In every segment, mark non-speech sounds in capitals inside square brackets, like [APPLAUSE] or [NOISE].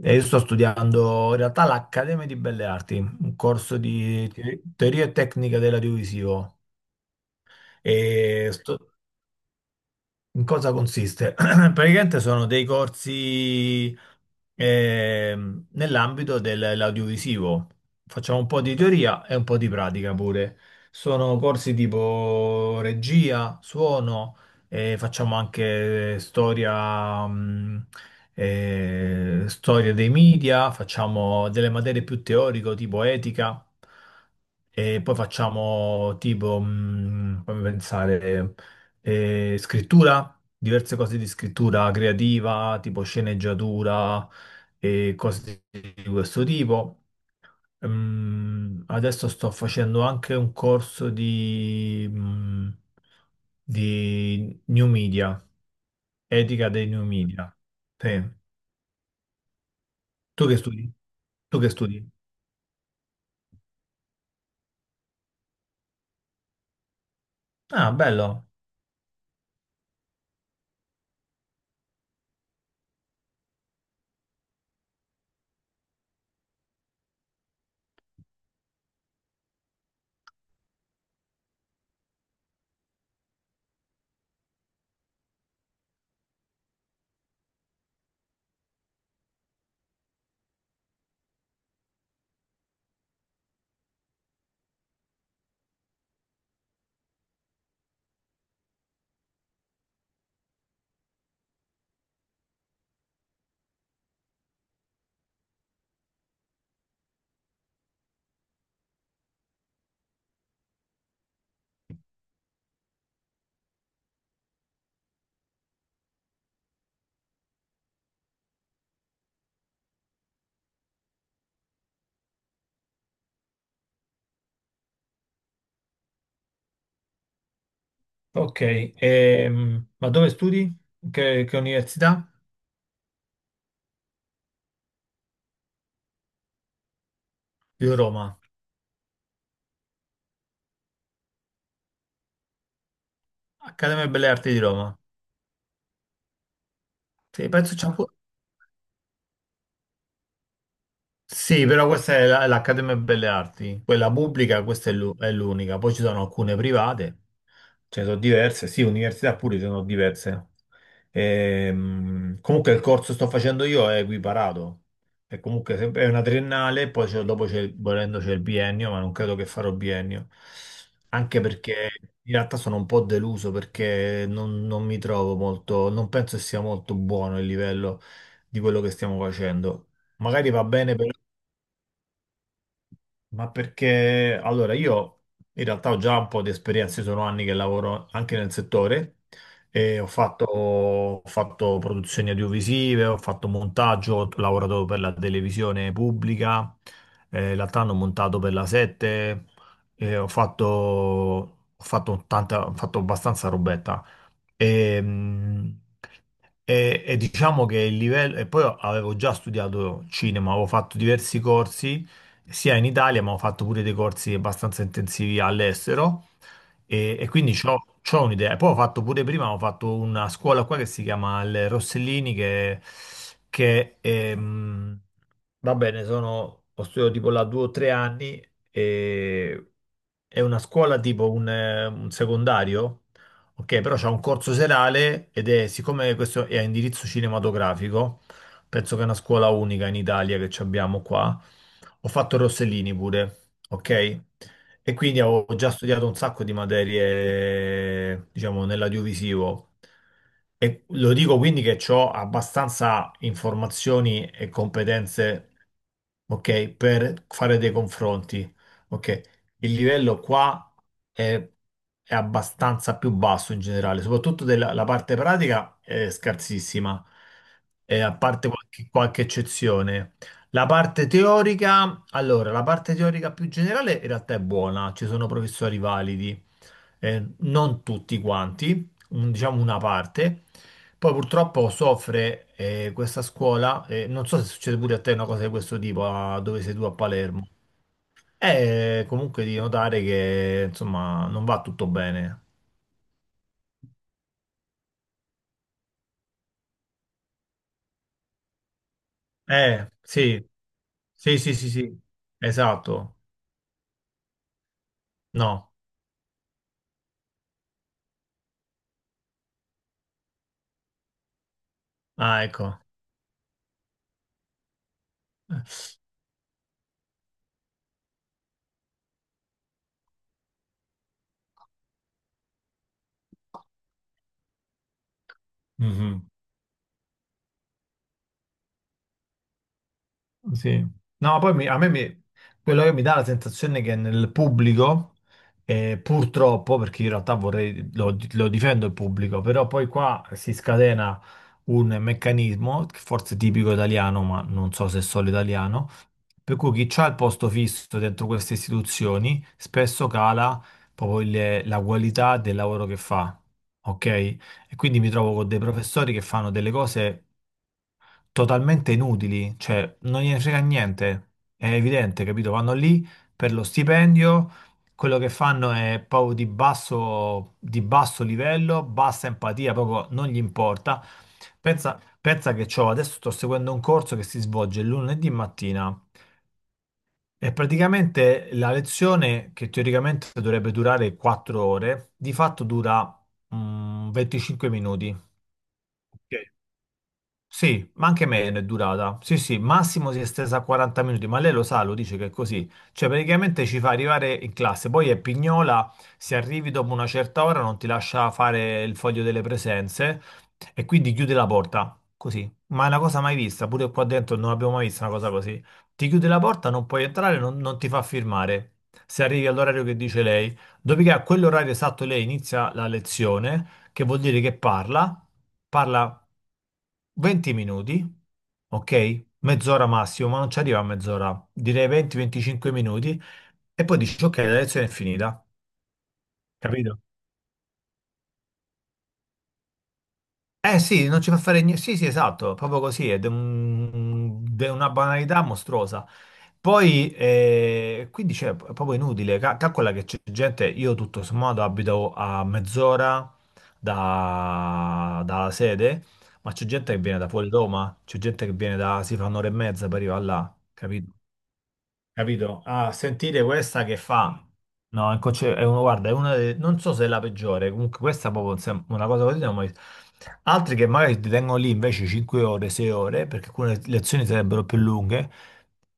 E io sto studiando in realtà l'Accademia di Belle Arti, un corso di teoria e tecnica dell'audiovisivo. E sto, in cosa consiste? [CLEARS THROAT] Praticamente sono dei corsi nell'ambito dell'audiovisivo. Facciamo un po' di teoria e un po' di pratica pure. Sono corsi tipo regia, suono, e facciamo anche storia, storia dei media, facciamo delle materie più teoriche tipo etica. E poi facciamo tipo, fammi pensare, e scrittura, diverse cose di scrittura creativa, tipo sceneggiatura e cose di questo tipo. Adesso sto facendo anche un corso di new media, etica dei new media. Sì. Tu che studi? Tu che studi? Ah, bello. Ok. Ma dove studi? Che università? Io Roma. Accademia Belle Arti di Roma. Sì, penso c'è. Sì, però questa è l'Accademia Belle Arti, quella pubblica, questa è è l'unica. Poi ci sono alcune private, ce ne sono diverse, sì, università pure ce ne sono diverse. Comunque il corso che sto facendo io è equiparato, è comunque è una triennale, poi dopo c'è, volendo c'è il biennio, ma non credo che farò biennio, anche perché in realtà sono un po' deluso perché non mi trovo molto, non penso che sia molto buono il livello di quello che stiamo facendo. Magari va bene, ma perché allora io in realtà ho già un po' di esperienza, io sono anni che lavoro anche nel settore e ho fatto produzioni audiovisive, ho fatto montaggio, ho lavorato per la televisione pubblica, in realtà hanno montato per la 7, ho fatto abbastanza robetta. E, mm, e diciamo che il livello, e poi avevo già studiato cinema, avevo fatto diversi corsi sia in Italia, ma ho fatto pure dei corsi abbastanza intensivi all'estero e quindi c'ho un'idea. E poi ho fatto pure prima, ho fatto una scuola qua che si chiama il Rossellini, che va bene, ho studiato tipo là 2 o 3 anni e è una scuola tipo un secondario. Ok, però c'è un corso serale siccome questo è a indirizzo cinematografico, penso che è una scuola unica in Italia che ci abbiamo qua. Ho fatto Rossellini pure, ok? E quindi avevo già studiato un sacco di materie, diciamo, nell'audiovisivo. E lo dico quindi che ho abbastanza informazioni e competenze, ok, per fare dei confronti, ok? Il livello qua è, è abbastanza più basso in generale, soprattutto della la parte pratica è scarsissima, a parte qualche eccezione. La parte teorica, allora, la parte teorica più generale in realtà è buona, ci sono professori validi, non tutti quanti, diciamo una parte. Poi purtroppo soffre, questa scuola, non so se succede pure a te una cosa di questo tipo, dove sei tu a Palermo. È comunque di notare che insomma non va tutto bene. Sì, sì, sì, sì, sì, esatto. No, ah, ecco. Mhm. Sì. No, poi quello che mi dà la sensazione è che nel pubblico, purtroppo, perché in realtà vorrei, lo difendo il pubblico, però poi qua si scatena un meccanismo, che forse è tipico italiano, ma non so se è solo italiano, per cui chi c'ha il posto fisso dentro queste istituzioni spesso cala proprio la qualità del lavoro che fa, ok? E quindi mi trovo con dei professori che fanno delle cose totalmente inutili, cioè non gliene frega niente, è evidente, capito? Vanno lì per lo stipendio, quello che fanno è proprio di basso livello, bassa empatia, proprio non gli importa. Pensa, pensa che adesso sto seguendo un corso che si svolge lunedì mattina e praticamente la lezione che teoricamente dovrebbe durare 4 ore, di fatto dura 25 minuti. Ok. Sì, ma anche meno è durata. Sì, sì, massimo si è estesa a 40 minuti, ma lei lo sa, lo dice che è così. Cioè, praticamente ci fa arrivare in classe, poi è pignola, se arrivi dopo una certa ora non ti lascia fare il foglio delle presenze e quindi chiude la porta, così. Ma è una cosa mai vista, pure qua dentro non abbiamo mai visto una cosa così. Ti chiude la porta, non puoi entrare, non ti fa firmare. Se arrivi all'orario che dice lei, dopodiché a quell'orario esatto lei inizia la lezione, che vuol dire che parla 20 minuti, ok? Mezz'ora massimo, ma non ci arriva a mezz'ora, direi 20-25 minuti, e poi dici, ok, la lezione è finita, capito? Eh sì, non ci fa fare niente, sì sì esatto, proprio così, ed è una banalità mostruosa. Poi, quindi cioè, è proprio inutile. Calcola che c'è gente, io tutto sommato abito a mezz'ora dalla sede, ma c'è gente che viene da fuori Roma, c'è gente che viene si fa un'ora e mezza per arrivare là, capito? Ah, sentite questa che fa. No, è uno, guarda, non so se è la peggiore, comunque questa è proprio una cosa così. Non ho mai- Altri che magari ti tengono lì invece 5 ore, 6 ore, perché alcune lezioni sarebbero più lunghe,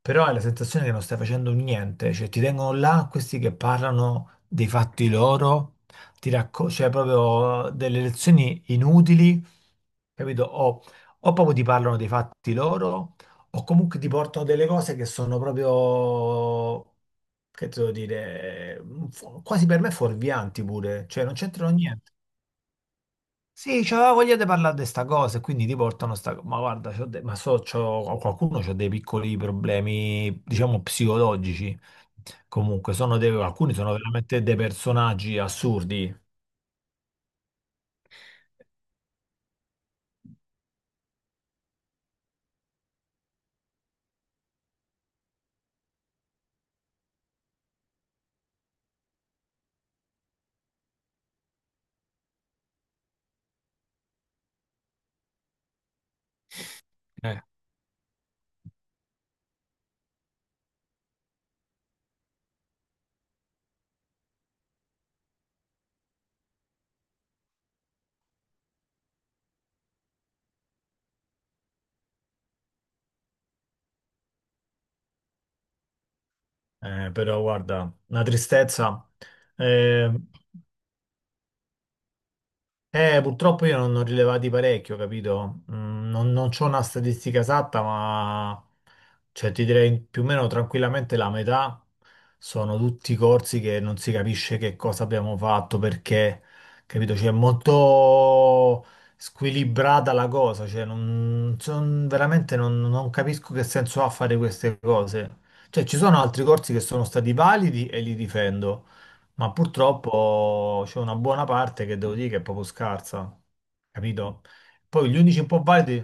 però hai la sensazione che non stai facendo niente, cioè ti tengono là questi che parlano dei fatti loro, cioè proprio delle lezioni inutili, capito? O proprio ti parlano dei fatti loro o comunque ti porto delle cose che sono proprio, che devo dire, quasi per me fuorvianti pure, cioè non c'entrano niente. Sì, c'aveva voglia di parlare di sta cosa e quindi ti portano sta cosa. Ma guarda, c'ho de- ma so, c'ho- qualcuno ha dei piccoli problemi, diciamo, psicologici. Comunque, alcuni sono veramente dei personaggi assurdi. Eh. Però guarda, una tristezza. Eh, Purtroppo io non ne ho rilevati parecchio, capito? Non c'ho una statistica esatta, ma cioè, ti direi più o meno tranquillamente la metà sono tutti corsi che non si capisce che cosa abbiamo fatto, perché, capito? Cioè, è molto squilibrata la cosa, cioè, non, son- veramente non capisco che senso ha fare queste cose. Cioè, ci sono altri corsi che sono stati validi e li difendo. Ma purtroppo c'è una buona parte che devo dire che è proprio scarsa, capito? Poi gli unici un po' validi.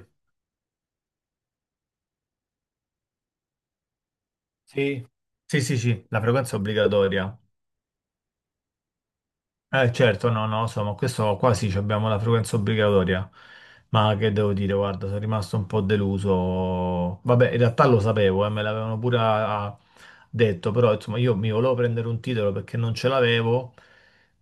Sì, sì, sì, sì, la frequenza è obbligatoria. Certo, no, no, insomma, questo qua sì, ci abbiamo la frequenza obbligatoria, ma che devo dire, guarda, sono rimasto un po' deluso. Vabbè, in realtà lo sapevo, me l'avevano pure detto, però insomma io mi volevo prendere un titolo perché non ce l'avevo.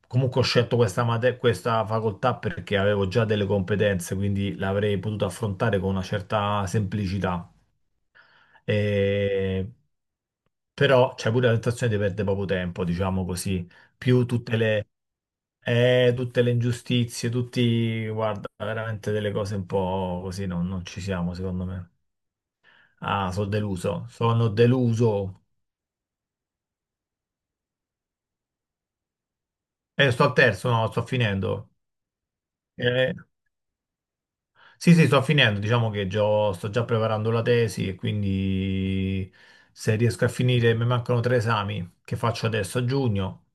Comunque ho scelto questa facoltà perché avevo già delle competenze, quindi l'avrei potuto affrontare con una certa semplicità. E... Però c'è pure la tentazione di perdere poco tempo, diciamo così, più tutte le ingiustizie, tutti, guarda, veramente delle cose un po' così, no, non ci siamo, secondo me. Ah, sono deluso, sono deluso. Sto al terzo, no, sto finendo. Eh, sì, sì, sto finendo, diciamo che sto già preparando la tesi e quindi se riesco a finire, mi mancano tre esami che faccio adesso a giugno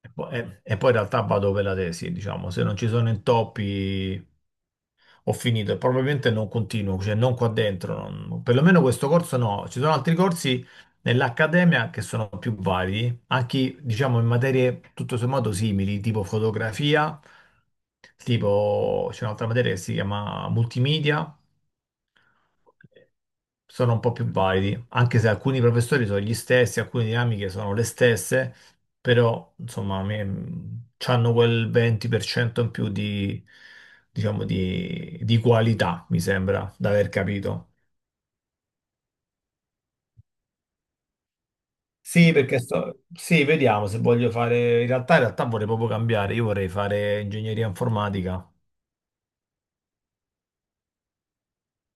e poi, e poi in realtà vado per la tesi, diciamo, se non ci sono intoppi... ho finito e probabilmente non continuo, cioè non qua dentro, perlomeno questo corso no. Ci sono altri corsi nell'accademia che sono più vari, anche diciamo in materie tutto sommato simili, tipo fotografia, tipo c'è un'altra materia che si chiama multimedia, sono un po' più validi, anche se alcuni professori sono gli stessi, alcune dinamiche sono le stesse, però insomma a me, hanno quel 20% in più di, diciamo, di qualità, mi sembra, da aver capito. Sì, perché sto... Sì, vediamo se voglio fare... In realtà vorrei proprio cambiare, io vorrei fare ingegneria informatica.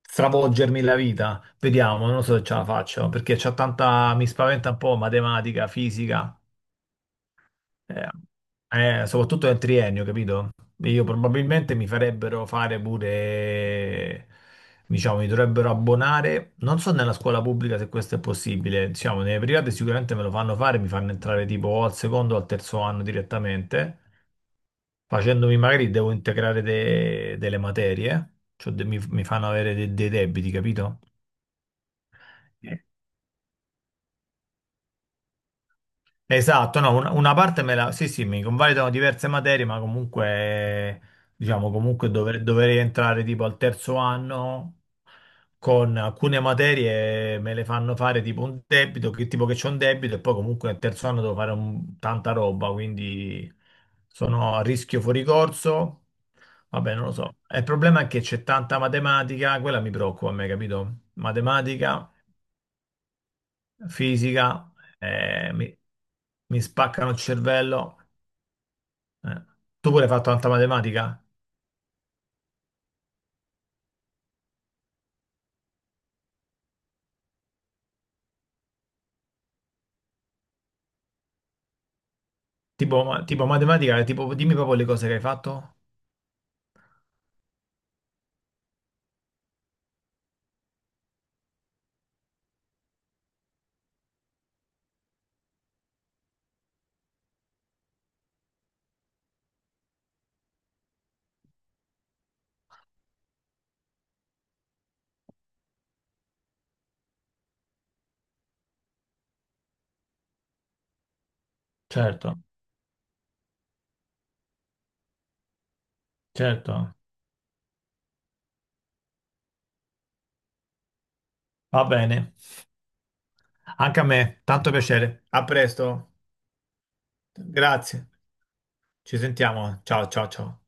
Stravolgermi la vita, vediamo, non so se ce la faccio, perché mi spaventa un po' matematica, fisica. Eh, Soprattutto nel triennio, capito? Io probabilmente mi farebbero fare pure, diciamo, mi dovrebbero abbonare, non so nella scuola pubblica se questo è possibile, diciamo, nelle private sicuramente me lo fanno fare, mi fanno entrare tipo o al secondo o al terzo anno direttamente, facendomi magari devo integrare delle materie, cioè mi fanno avere dei debiti, capito? Esatto, no, una parte me la... Sì, sì, mi convalidano diverse materie, ma comunque, diciamo, comunque dovrei entrare tipo al terzo anno, con alcune materie me le fanno fare tipo un debito, che tipo che c'è un debito e poi comunque al terzo anno devo fare tanta roba, quindi sono a rischio fuori corso, vabbè, non lo so. E il problema è che c'è tanta matematica, quella mi preoccupa a me, capito? Matematica, fisica, eh, mi mi spaccano il cervello. Eh. Tu pure hai fatto tanta matematica? Tipo, tipo matematica, tipo, dimmi proprio le cose che hai fatto. Certo, certo. Va bene. Anche a me, tanto piacere. A presto. Grazie. Ci sentiamo. Ciao, ciao, ciao.